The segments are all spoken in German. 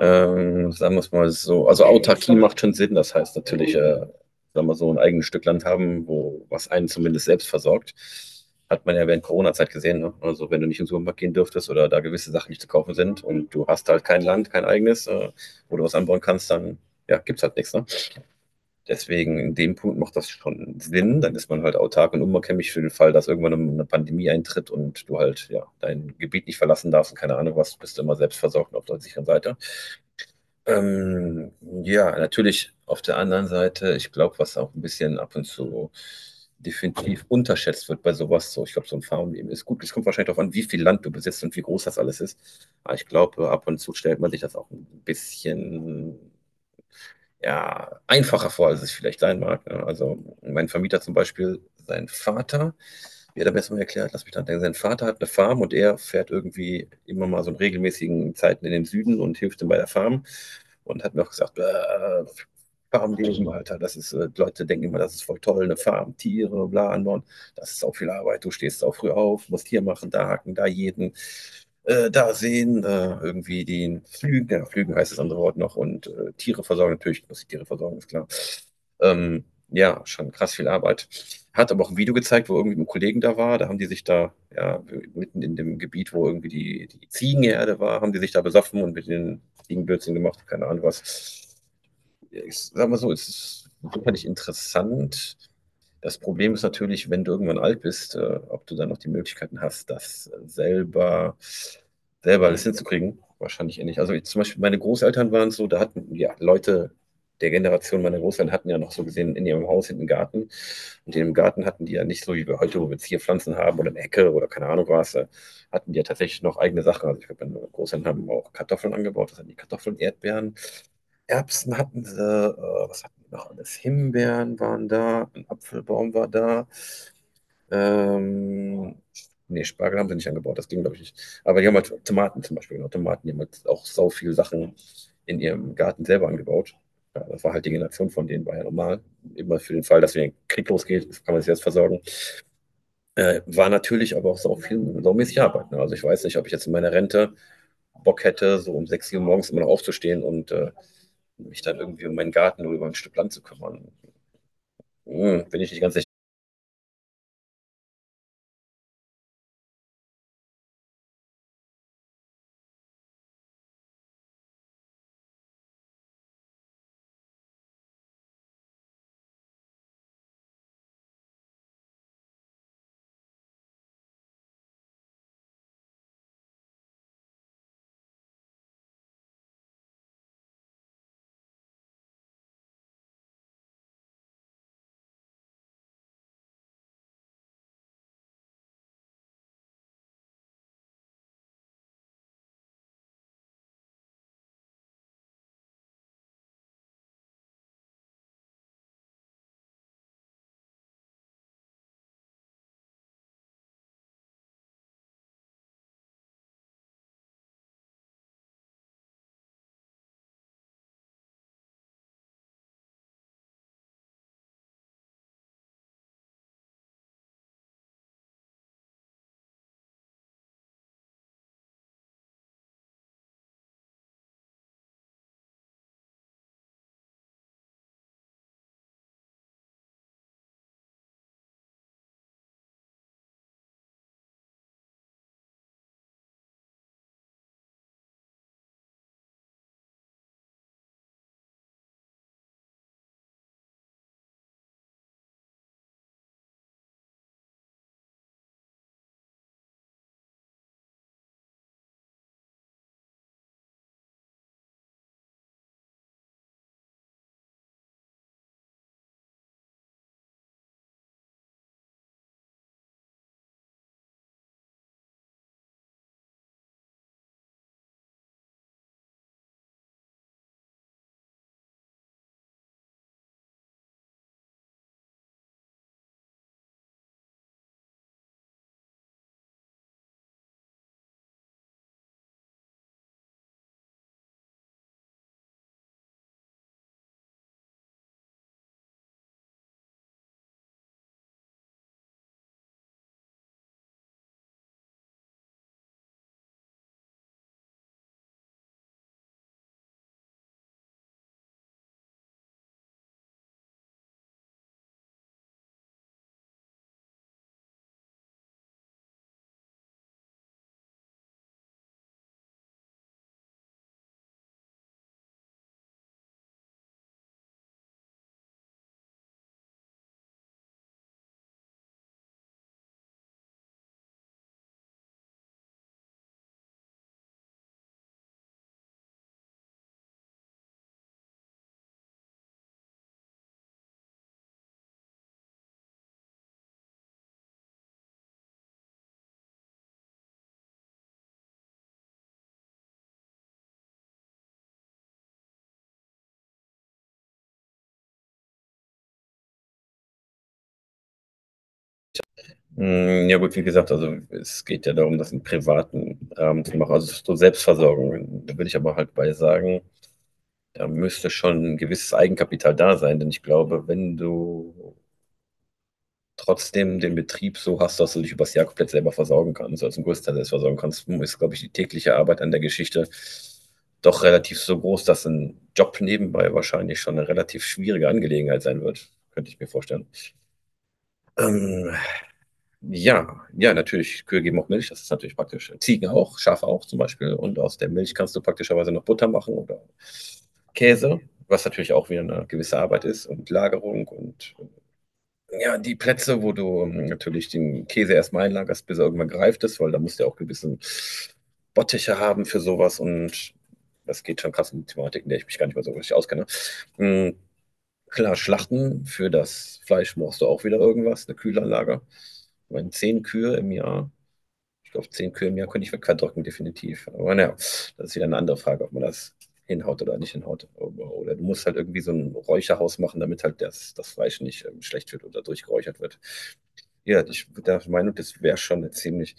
Sagen wir es mal so. Also Autarkie macht schon Sinn. Das heißt natürlich, sagen wir so, ein eigenes Stück Land haben, wo was einen zumindest selbst versorgt. Hat man ja während Corona-Zeit gesehen. Ne? Also wenn du nicht in den Supermarkt gehen dürftest oder da gewisse Sachen nicht zu kaufen sind und du hast halt kein Land, kein eigenes, wo du was anbauen kannst, dann ja, gibt's halt nichts. Ne? Deswegen in dem Punkt macht das schon Sinn. Dann ist man halt autark und unumkömmlich für den Fall, dass irgendwann um eine Pandemie eintritt und du halt ja dein Gebiet nicht verlassen darfst und keine Ahnung was, bist du immer selbst versorgt und auf der sicheren Seite. Ähm, ja, natürlich auf der anderen Seite, ich glaube, was auch ein bisschen ab und zu definitiv unterschätzt wird bei sowas, so ich glaube, so ein Farmleben ist gut. Es kommt wahrscheinlich darauf an, wie viel Land du besitzt und wie groß das alles ist. Aber ich glaube, ab und zu stellt man sich das auch ein bisschen ja, einfacher vor, als es vielleicht sein mag. Ne? Also mein Vermieter zum Beispiel, sein Vater, wie hat er mir mal erklärt? Lass mich dann denken. Sein Vater hat eine Farm und er fährt irgendwie immer mal so in regelmäßigen Zeiten in den Süden und hilft ihm bei der Farm. Und hat mir auch gesagt, Farmleben, Alter, das ist, Leute denken immer, das ist voll toll, eine Farm, Tiere, bla, anbauen. Das ist auch viel Arbeit. Du stehst auch früh auf, musst hier machen, da haken, da jeden, da sehen, irgendwie den Flügen, ja, Flügen heißt das andere Wort noch, und Tiere versorgen, natürlich muss ich Tiere versorgen, ist klar. Ja, schon krass viel Arbeit. Hat aber auch ein Video gezeigt, wo irgendwie ein Kollegen da war. Da haben die sich da, ja, mitten in dem Gebiet, wo irgendwie die Ziegenherde war, haben die sich da besoffen und mit den Ziegenbürzeln gemacht, keine Ahnung was ich sag mal so, es ist sicherlich interessant. Das Problem ist natürlich, wenn du irgendwann alt bist, ob du dann noch die Möglichkeiten hast, selber alles hinzukriegen. Wahrscheinlich eher nicht. Also ich, zum Beispiel meine Großeltern waren so, da hatten ja Leute der Generation meiner Großeltern hatten ja noch so gesehen in ihrem Haus hinten einen Garten. Und in dem Garten hatten die ja nicht so wie wir heute, wo wir Zierpflanzen haben oder eine Hecke oder keine Ahnung was, hatten die ja tatsächlich noch eigene Sachen. Also ich glaube, meine Großeltern haben auch Kartoffeln angebaut, das hatten die Kartoffeln, Erdbeeren, Erbsen hatten sie, was hatten wir noch alles? Himbeeren waren da, ein Apfelbaum war da. Ähm, nee, Spargel haben sie nicht angebaut, das ging, glaube ich, nicht. Aber die haben halt Tomaten zum Beispiel, genau, Tomaten, die haben halt auch so viele Sachen in ihrem Garten selber angebaut. Ja, das war halt die Generation von denen, war ja normal. Immer für den Fall, dass wenn ein Krieg losgeht, kann man sich selbst versorgen. War natürlich aber auch sau viel, saumäßig Arbeit. Ne? Also ich weiß nicht, ob ich jetzt in meiner Rente Bock hätte, so um 6 Uhr morgens immer noch aufzustehen und mich dann irgendwie um meinen Garten oder über ein Stück Land zu kümmern. Hm, bin ich nicht ganz sicher. Hm, ja gut, wie gesagt, also es geht ja darum, das im privaten Rahmen zu machen, also so Selbstversorgung. Da würde ich aber halt bei sagen, da müsste schon ein gewisses Eigenkapital da sein, denn ich glaube, wenn du trotzdem den Betrieb so hast, dass du dich übers Jahr komplett selber versorgen kannst, also zum Großteil selbst versorgen kannst, ist, glaube ich, die tägliche Arbeit an der Geschichte doch relativ so groß, dass ein Job nebenbei wahrscheinlich schon eine relativ schwierige Angelegenheit sein wird, könnte ich mir vorstellen. Ähm, ja, natürlich, Kühe geben auch Milch, das ist natürlich praktisch. Ziegen auch, Schafe auch zum Beispiel und aus der Milch kannst du praktischerweise noch Butter machen oder Käse, was natürlich auch wieder eine gewisse Arbeit ist und Lagerung und ja, die Plätze, wo du natürlich den Käse erstmal einlagerst, bis er irgendwann gereift ist, weil da musst du ja auch gewissen Bottiche haben für sowas und das geht schon krass um die Thematik, in der ich mich gar nicht mehr so richtig auskenne. Mhm, klar, Schlachten für das Fleisch brauchst du auch wieder irgendwas, eine Kühlanlage. Ich meine, zehn Kühe im Jahr Ich glaube, 10 Kühe im Jahr könnte ich verdrücken, definitiv. Aber naja, das ist wieder eine andere Frage, ob man das hinhaut oder nicht hinhaut. Oder du musst halt irgendwie so ein Räucherhaus machen, damit halt das Fleisch nicht schlecht wird oder durchgeräuchert wird. Ja, ich bin der Meinung, das wäre schon eine ziemlich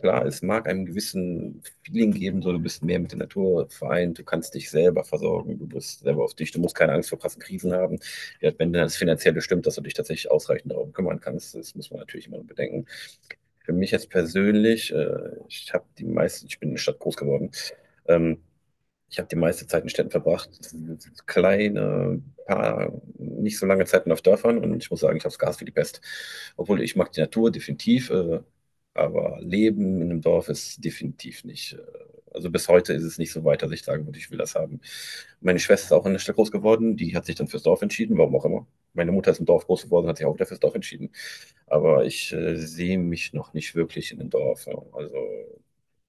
klar. Es mag einem gewissen Feeling geben, so du bist mehr mit der Natur vereint, du kannst dich selber versorgen, du bist selber auf dich, du musst keine Angst vor krassen Krisen haben. Ja, wenn das finanziell stimmt, dass du dich tatsächlich ausreichend darum kümmern kannst, das muss man natürlich immer bedenken. Für mich jetzt persönlich, ich habe die meisten, ich bin in der Stadt groß geworden. Ähm, ich habe die meiste Zeit in Städten verbracht, kleine, paar, nicht so lange Zeiten auf Dörfern und ich muss sagen, ich habe es gehasst wie die Pest. Obwohl ich mag die Natur definitiv, aber Leben in einem Dorf ist definitiv nicht. Also bis heute ist es nicht so weit, dass ich sagen würde, ich will das haben. Meine Schwester ist auch in der Stadt groß geworden, die hat sich dann fürs Dorf entschieden, warum auch immer. Meine Mutter ist im Dorf groß geworden, hat sich auch wieder fürs Dorf entschieden. Aber ich sehe mich noch nicht wirklich in einem Dorf. Ja. Also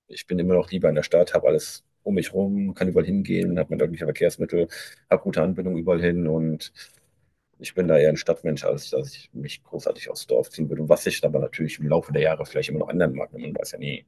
ich bin immer noch lieber in der Stadt, habe alles um mich rum, kann überall hingehen, habe meine öffentlichen Verkehrsmittel, habe gute Anbindung überall hin und ich bin da eher ein Stadtmensch, als dass ich mich großartig aufs Dorf ziehen würde. Was sich aber natürlich im Laufe der Jahre vielleicht immer noch ändern mag. Ne? Man weiß ja nie.